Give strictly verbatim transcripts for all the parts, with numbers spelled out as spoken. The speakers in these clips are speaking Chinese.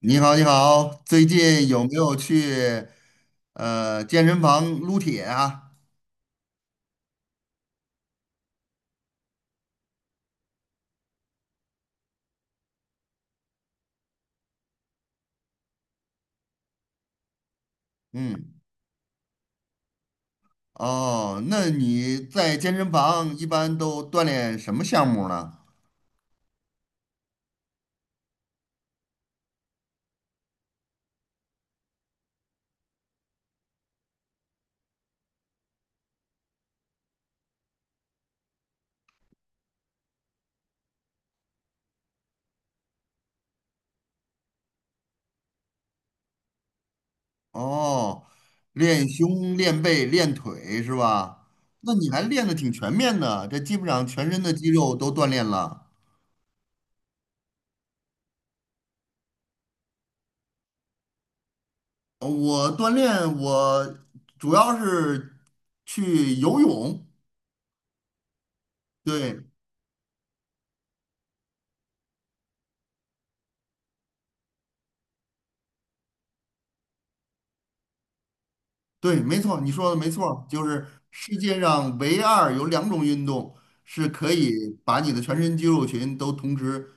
你好，你好，最近有没有去呃健身房撸铁啊？嗯，哦，那你在健身房一般都锻炼什么项目呢？哦，练胸、练背、练腿是吧？那你还练的挺全面的，这基本上全身的肌肉都锻炼了。呃我锻炼我主要是去游泳。对，对，没错，你说的没错，就是世界上唯二有两种运动是可以把你的全身肌肉群都同时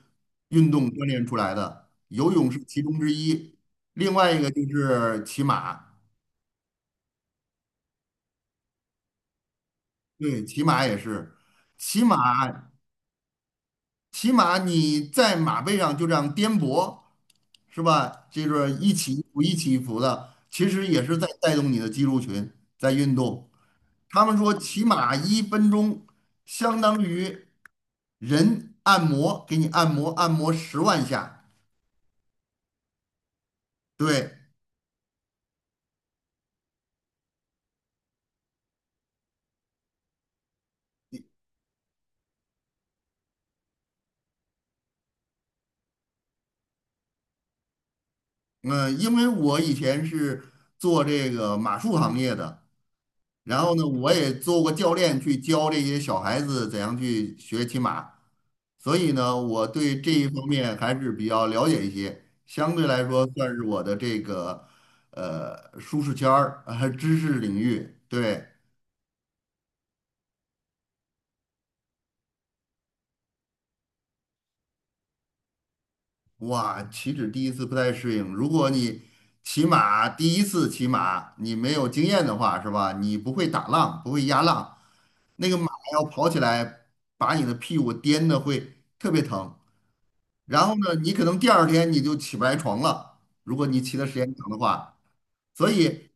运动锻炼出来的，游泳是其中之一，另外一个就是骑马。对，骑马也是，骑马，骑马你在马背上就这样颠簸，是吧？就是一起一伏一起一伏的，其实也是在带动你的肌肉群在运动。他们说骑马一分钟相当于人按摩，给你按摩，按摩十万下。对，嗯，因为我以前是做这个马术行业的，然后呢，我也做过教练，去教这些小孩子怎样去学骑马，所以呢，我对这一方面还是比较了解一些，相对来说算是我的这个呃舒适圈儿，呃，知识领域。对，哇，岂止第一次不太适应，如果你骑马第一次骑马，你没有经验的话，是吧？你不会打浪，不会压浪，那个马要跑起来，把你的屁股颠的会特别疼。然后呢，你可能第二天你就起不来床了，如果你骑的时间长的话。所以，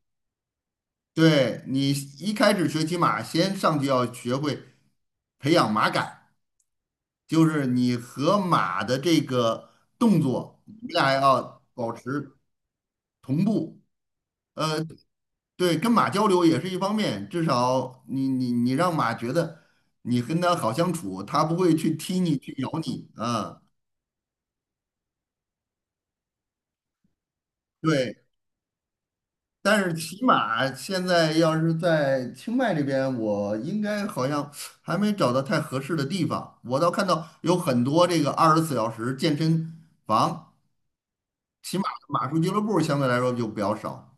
对你一开始学骑马，先上去要学会培养马感，就是你和马的这个动作，你们俩要保持同步。呃，对，跟马交流也是一方面，至少你你你让马觉得你跟它好相处，它不会去踢你、去咬你啊，对。但是骑马现在要是在清迈这边，我应该好像还没找到太合适的地方。我倒看到有很多这个二十四小时健身房，骑马的马术俱乐部相对来说就比较少。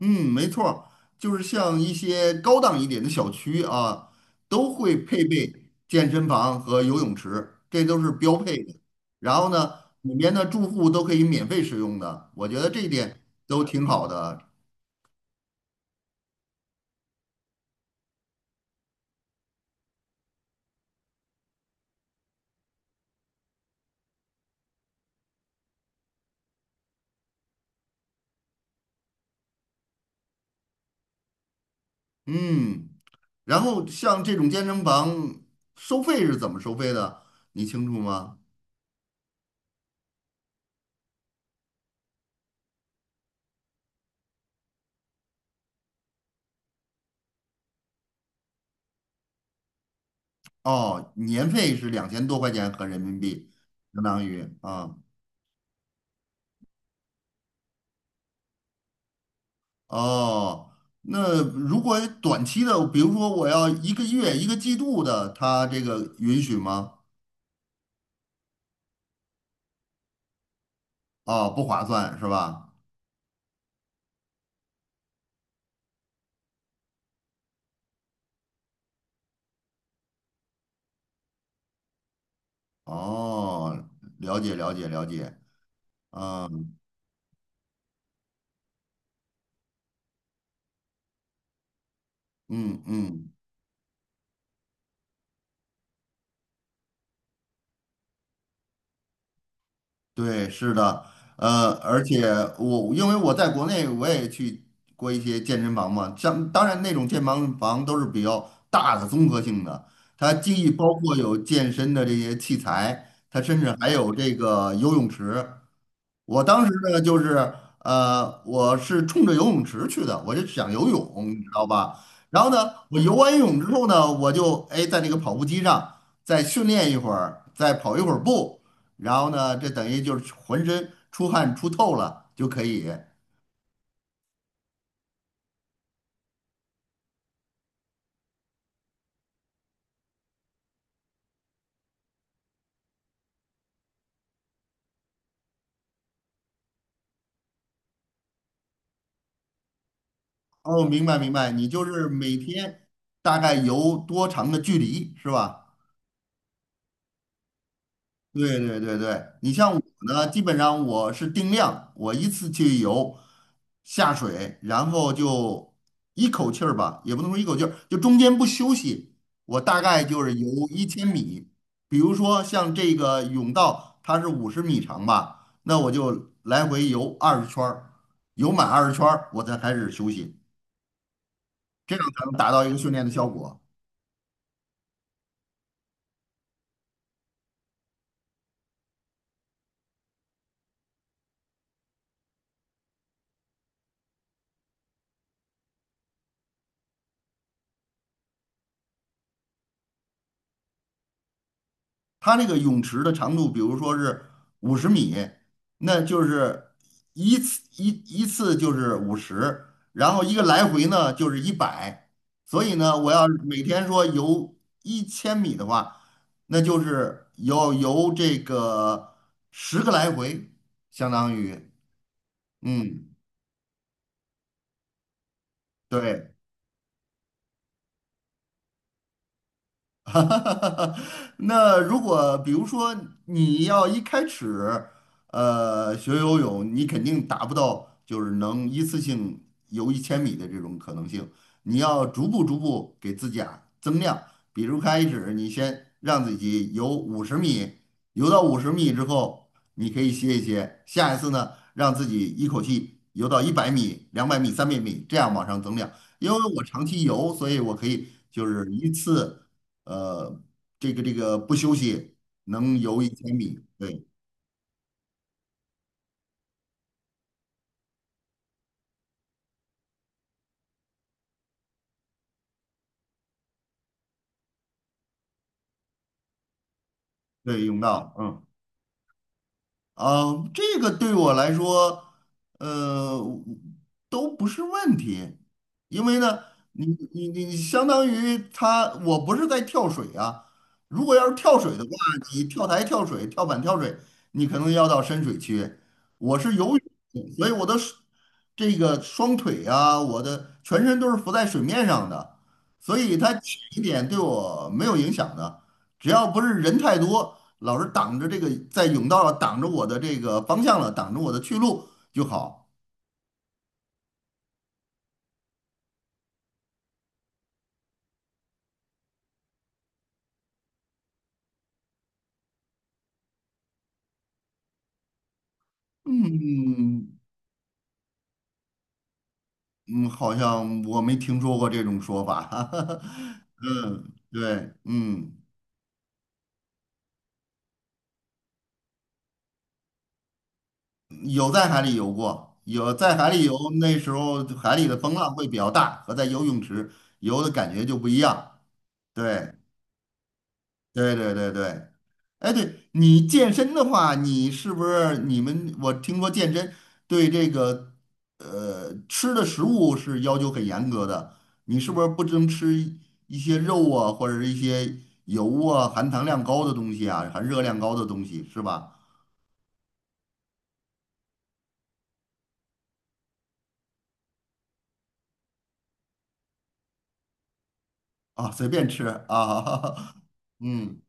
嗯，没错儿，就是像一些高档一点的小区啊，都会配备健身房和游泳池，这都是标配的。然后呢，里面的住户都可以免费使用的，我觉得这一点都挺好的。嗯，然后像这种健身房收费是怎么收费的？你清楚吗？哦，年费是两千多块钱合人民币，相当于啊。哦，那如果短期的，比如说我要一个月、一个季度的，它这个允许吗？啊、不划算是吧？哦，了解了解了解，嗯嗯嗯，对，是的，呃，而且我因为我在国内我也去过一些健身房嘛，像当然那种健身房都是比较大的综合性的，它既包括有健身的这些器材，它甚至还有这个游泳池。我当时呢，就是呃，我是冲着游泳池去的，我就想游泳，你知道吧？然后呢，我游完泳之后呢，我就哎在那个跑步机上再训练一会儿，再跑一会儿步，然后呢，这等于就是浑身出汗出透了就可以。哦，明白明白，你就是每天大概游多长的距离是吧？对对对对，你像我呢，基本上我是定量，我一次去游下水，然后就一口气儿吧，也不能说一口气儿，就中间不休息，我大概就是游一千米。比如说像这个泳道，它是五十米长吧，那我就来回游二十圈儿，游满二十圈儿，我才开始休息，这样才能达到一个训练的效果。它那个泳池的长度，比如说是五十米，那就是一次一一次就是五十，然后一个来回呢就是一百，所以呢，我要每天说游一千米的话，那就是要游这个十个来回，相当于，嗯，对。哈哈哈！哈，那如果比如说你要一开始，呃，学游泳，你肯定达不到就是能一次性游一千米的这种可能性。你要逐步逐步给自己啊增量，比如开始你先让自己游五十米，游到五十米之后，你可以歇一歇。下一次呢，让自己一口气游到一百米、两百米、三百米，这样往上增量。因为我长期游，所以我可以就是一次。呃，这个这个不休息能游一千米。对对，泳道，嗯。啊，这个对我来说，呃，都不是问题，因为呢，你你你相当于他，我不是在跳水啊。如果要是跳水的话，你跳台跳水、跳板跳水，你可能要到深水区。我是游泳，所以我的手这个双腿啊，我的全身都是浮在水面上的，所以它浅一点对我没有影响的。只要不是人太多，老是挡着这个在甬道了，挡着我的这个方向了，挡着我的去路就好。嗯嗯，好像我没听说过这种说法。嗯，对，嗯，有在海里游过，有在海里游，那时候海里的风浪会比较大，和在游泳池游的感觉就不一样。对，对对对对。哎，对你健身的话，你是不是你们？我听说健身对这个呃吃的食物是要求很严格的，你是不是不能吃一一些肉啊，或者是一些油啊、含糖量高的东西啊、含热量高的东西，是吧？啊，随便吃啊，嗯。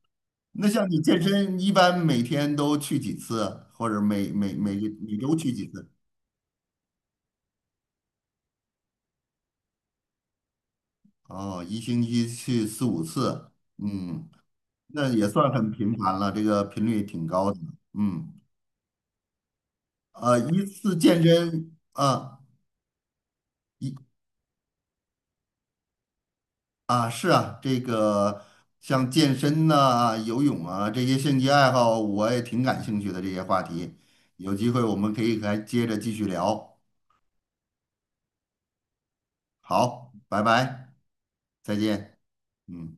那像你健身，一般每天都去几次，或者每每每每周去几次？哦，一星期去四五次，嗯。那也算很频繁了，这个频率挺高的。嗯，呃，一次健身啊啊是啊，这个像健身呐、游泳啊这些兴趣爱好，我也挺感兴趣的这些话题。有机会我们可以还接着继续聊。好，拜拜，再见。嗯。